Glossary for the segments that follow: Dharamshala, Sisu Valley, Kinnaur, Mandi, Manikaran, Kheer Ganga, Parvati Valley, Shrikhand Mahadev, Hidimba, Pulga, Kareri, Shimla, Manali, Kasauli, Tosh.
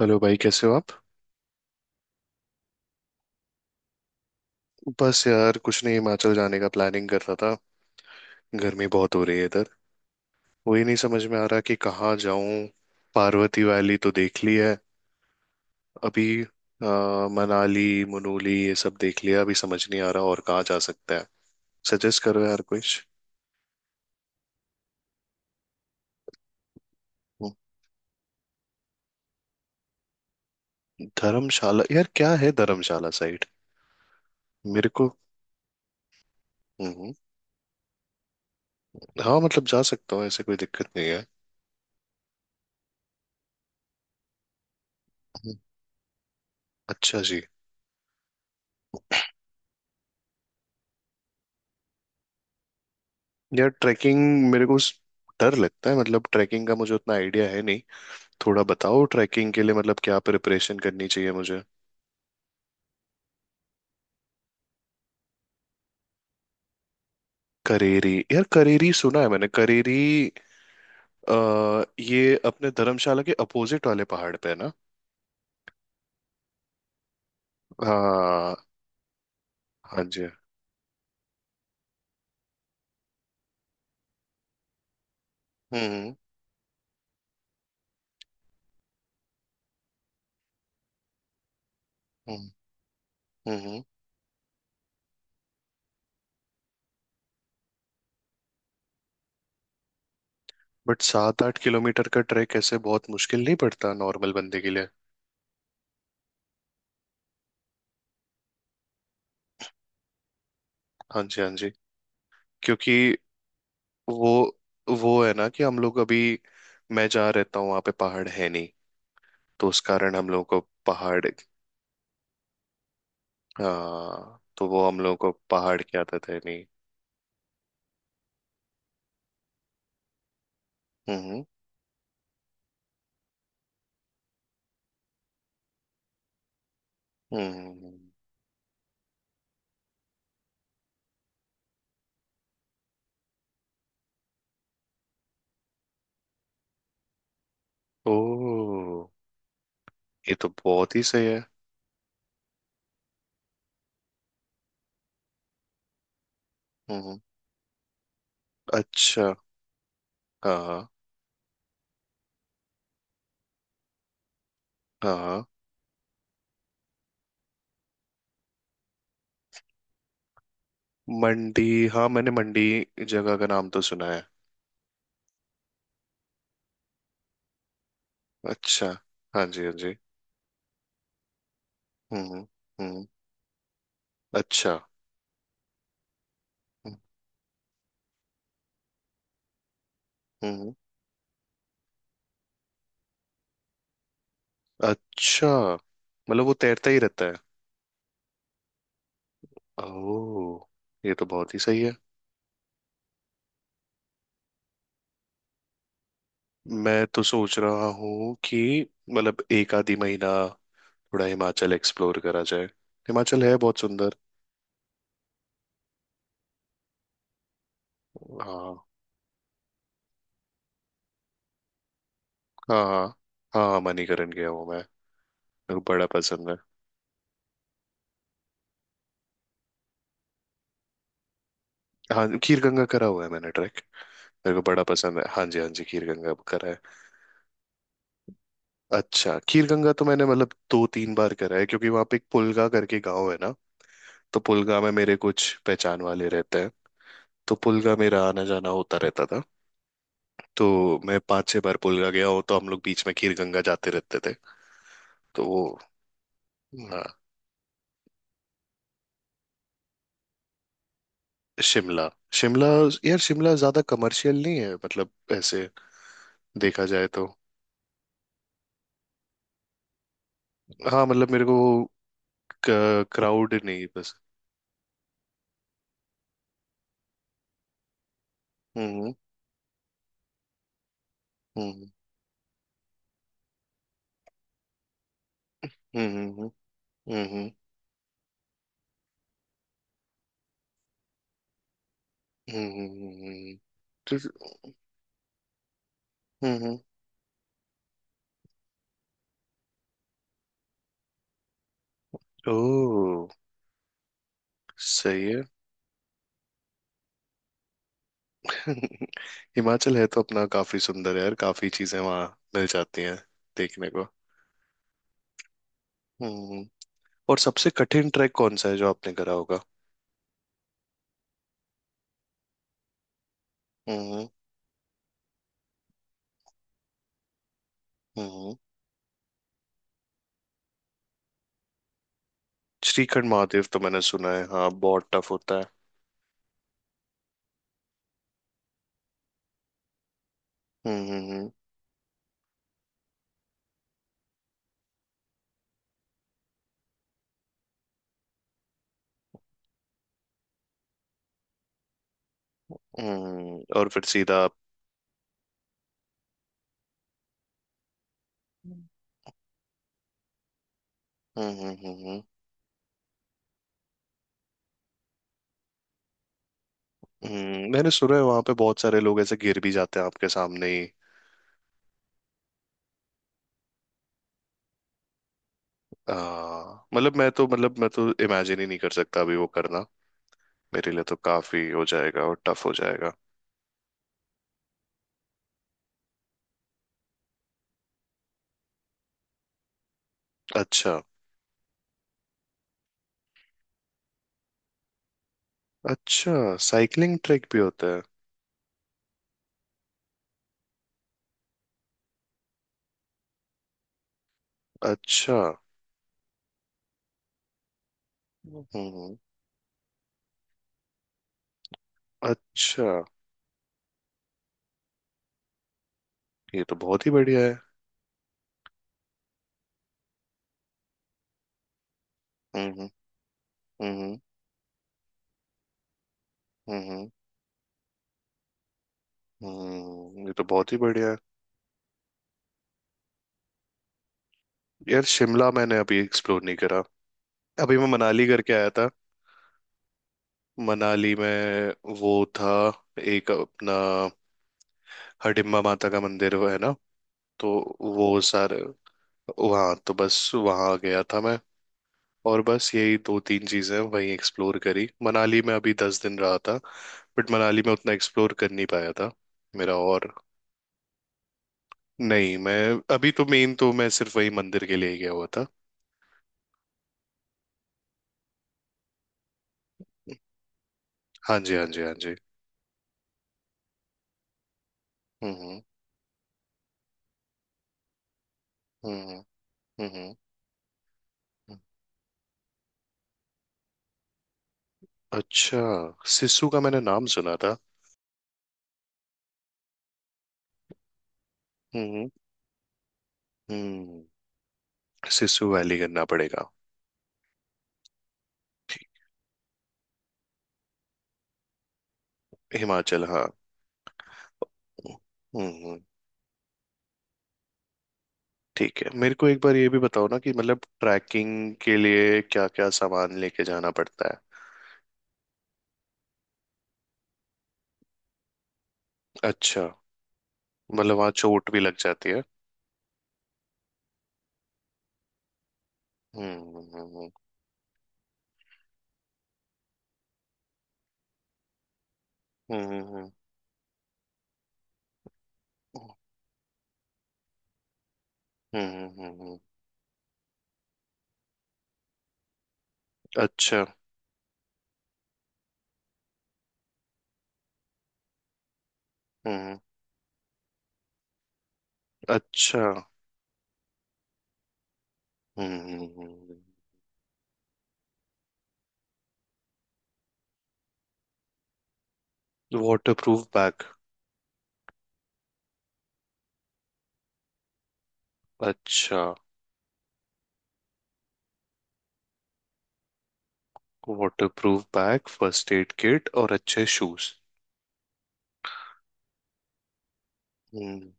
Hello भाई, कैसे हो आप। बस यार कुछ नहीं, हिमाचल जाने का प्लानिंग कर रहा था। गर्मी बहुत हो रही है इधर। वही नहीं समझ में आ रहा कि कहाँ जाऊं। पार्वती वैली तो देख ली है। अभी मनाली मनाली ये सब देख लिया। अभी समझ नहीं आ रहा और कहाँ जा सकता है। सजेस्ट करो यार कुछ। हम्म। धर्मशाला यार, क्या है धर्मशाला साइड। मेरे को। हम्म। हाँ मतलब जा सकता हूँ, ऐसे कोई दिक्कत नहीं है। हम्म। अच्छा जी। यार ट्रैकिंग, मेरे को डर लगता है। मतलब ट्रैकिंग का मुझे उतना आइडिया है नहीं। थोड़ा बताओ ट्रैकिंग के लिए मतलब क्या प्रिपरेशन करनी चाहिए मुझे। करेरी, यार करेरी सुना है मैंने करेरी। ये अपने धर्मशाला के अपोजिट वाले पहाड़ पे है ना। हाँ। हाँ जी। हम्म। हम्म। हम्म। बट सात आठ किलोमीटर का ट्रैक ऐसे बहुत मुश्किल नहीं पड़ता नॉर्मल बंदे के लिए। हाँ जी, हाँ जी। क्योंकि वो वो है ना कि हम लोग अभी, मैं जहाँ रहता हूँ वहाँ पे पहाड़ है नहीं। तो उस कारण हम लोगों को पहाड़। हाँ तो वो हम लोगों को पहाड़ की आदत है नहीं। हम्म। हम्म। ओ, ये तो बहुत ही सही है। हम्म। अच्छा। हाँ। हाँ। मंडी, हाँ मैंने मंडी जगह का नाम तो सुना है। अच्छा। हाँ जी, हाँ जी। हम्म। हम्म। अच्छा। हम्म। अच्छा, मतलब वो तैरता ही रहता है। ओह, ये तो बहुत ही सही है। मैं तो सोच रहा हूँ कि मतलब एक आधी महीना थोड़ा हिमाचल एक्सप्लोर करा जाए। हिमाचल है बहुत सुंदर। हाँ। हाँ हाँ, हाँ हाँ, मणिकरण गया हूँ मैं। मेरे को बड़ा पसंद है। हाँ खीर गंगा करा हुआ है मैंने ट्रैक। मेरे को बड़ा पसंद है, हाँ जी हाँ जी, खीर गंगा करा है। अच्छा, खीर गंगा तो मैंने मतलब दो तीन बार करा है क्योंकि वहाँ पे एक पुलगा करके गाँव है ना। तो पुलगा में मेरे कुछ पहचान वाले रहते हैं। तो पुलगा मेरा आना जाना होता रहता था। तो मैं पांच छह बार पुलगा गया हूँ, तो हम लोग बीच में खीर गंगा जाते रहते थे। तो वो। हाँ। शिमला। शिमला, यार शिमला ज्यादा कमर्शियल नहीं है मतलब, ऐसे देखा जाए तो। हाँ मतलब मेरे को वो क्राउड नहीं बस। हम्म। हम्म। हम्म। हम्म। हम्म। हम्म। ओ। सही है। हिमाचल है तो अपना काफी सुंदर है यार, काफी चीजें वहाँ मिल जाती हैं देखने को। हम्म। और सबसे कठिन ट्रैक कौन सा है जो आपने करा होगा। हम्म। हम्म। श्रीखंड महादेव तो मैंने सुना है, हाँ बहुत टफ होता है। हम्म। और फिर सीधा आप। हम्म। मैंने सुना है वहां पे बहुत सारे लोग ऐसे गिर भी जाते हैं आपके सामने ही। आ, मतलब मैं तो इमेजिन ही नहीं कर सकता अभी वो करना। मेरे लिए तो काफी हो जाएगा और टफ हो जाएगा। अच्छा। अच्छा, साइकिलिंग ट्रैक भी होता है। अच्छा। हम्म। अच्छा। ये तो बहुत ही बढ़िया है। हम्म हम्म। हम्म। ये तो बहुत ही बढ़िया है। यार शिमला मैंने अभी एक्सप्लोर नहीं करा। अभी मैं मनाली करके आया था। मनाली में वो था, एक अपना हडिम्बा माता का मंदिर वो है ना। तो वो सारे, वहाँ तो बस वहाँ गया था मैं, और बस यही दो तीन चीजें वहीं एक्सप्लोर करी। मनाली में अभी दस दिन रहा था बट मनाली में उतना एक्सप्लोर कर नहीं पाया था मेरा और। नहीं मैं, अभी तो मेन तो मैं सिर्फ वही मंदिर के लिए ही गया हुआ था। हाँ जी, हाँ जी, हाँ जी। हम्म। हम्म हम्म। हम्म। हम्म। अच्छा। सिसु का मैंने नाम सुना था। हम्म। हम्म। सिसु वैली करना पड़ेगा। हिमाचल, हाँ। हम्म। ठीक है, मेरे को एक बार ये भी बताओ ना कि मतलब ट्रैकिंग के लिए क्या क्या सामान लेके जाना पड़ता है। अच्छा, मतलब वहाँ चोट भी लग जाती है। हम्म। हम्म। हम्म। अच्छा। हम्म। अच्छा। हम्म। Waterproof bag. अच्छा। Waterproof bag, first aid kit और अच्छे शूज। हम्म।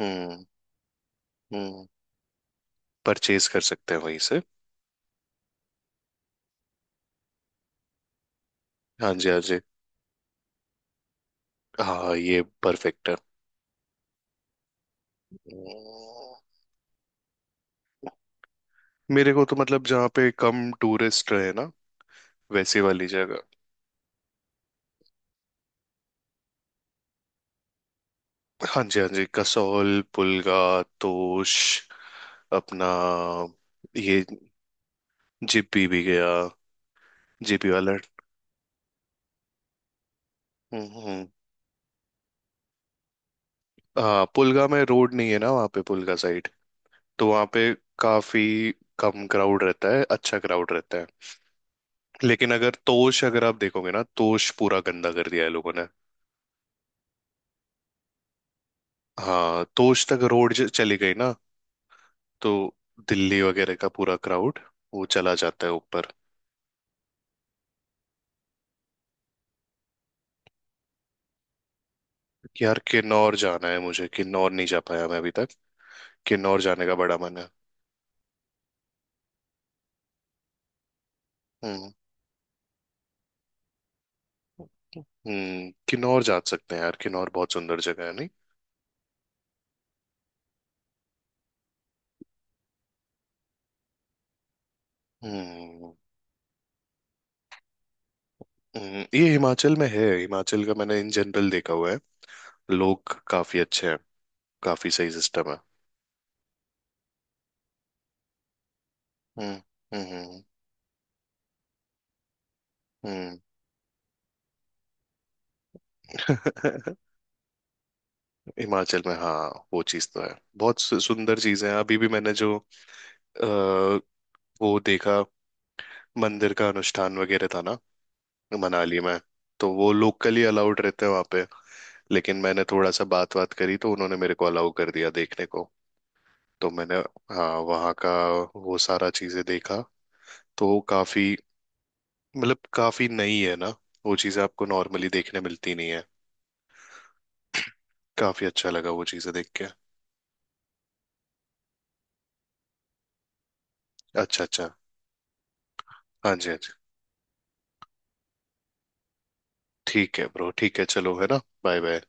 हम्म। हम्म, परचेज कर सकते हैं वहीं से। हाँ जी, हाँ जी। हाँ, ये परफेक्ट है। हम्म, मेरे को तो मतलब जहाँ पे कम टूरिस्ट रहे ना, वैसी वाली जगह। हाँ जी, हाँ जी, कसौल, पुलगा, तोश, अपना ये। जिप्पी भी गया, जिप्पी वाला। हम्म हम्म। हाँ पुलगा में रोड नहीं है ना वहाँ पे पुलगा साइड। तो वहाँ पे काफी कम क्राउड रहता है, अच्छा क्राउड रहता है। लेकिन अगर तोश, अगर आप देखोगे ना, तोश पूरा गंदा कर दिया है लोगों ने। हाँ तोश तक रोड चली गई ना। तो दिल्ली वगैरह का पूरा क्राउड वो चला जाता है ऊपर। कि यार किन्नौर जाना है मुझे, किन्नौर नहीं जा पाया मैं अभी तक। किन्नौर जाने का बड़ा मन है। हम्म। हम्म, किन्नौर जा सकते हैं यार, किन्नौर बहुत सुंदर जगह है नहीं। हम्म। ये हिमाचल में है, हिमाचल का मैंने इन जनरल देखा हुआ है। लोग काफी अच्छे हैं। काफी सही सिस्टम है। हम्म। हम्म। हम्म। हिमाचल में हाँ वो चीज तो है। बहुत सुंदर चीजें हैं। अभी भी मैंने जो अ, वो देखा, मंदिर का अनुष्ठान वगैरह था ना मनाली में। तो वो लोकली अलाउड रहते हैं वहां पे, लेकिन मैंने थोड़ा सा बात बात करी तो उन्होंने मेरे को अलाउ कर दिया देखने को। तो मैंने, हाँ वहाँ का वो सारा चीजें देखा। तो वो काफी, मतलब काफी नई है ना, वो चीजें आपको नॉर्मली देखने मिलती नहीं है। काफी अच्छा लगा वो चीजें देख के। अच्छा, अच्छा। हाँ जी, हाँ जी, ठीक है ब्रो, ठीक है चलो, है ना, बाय बाय।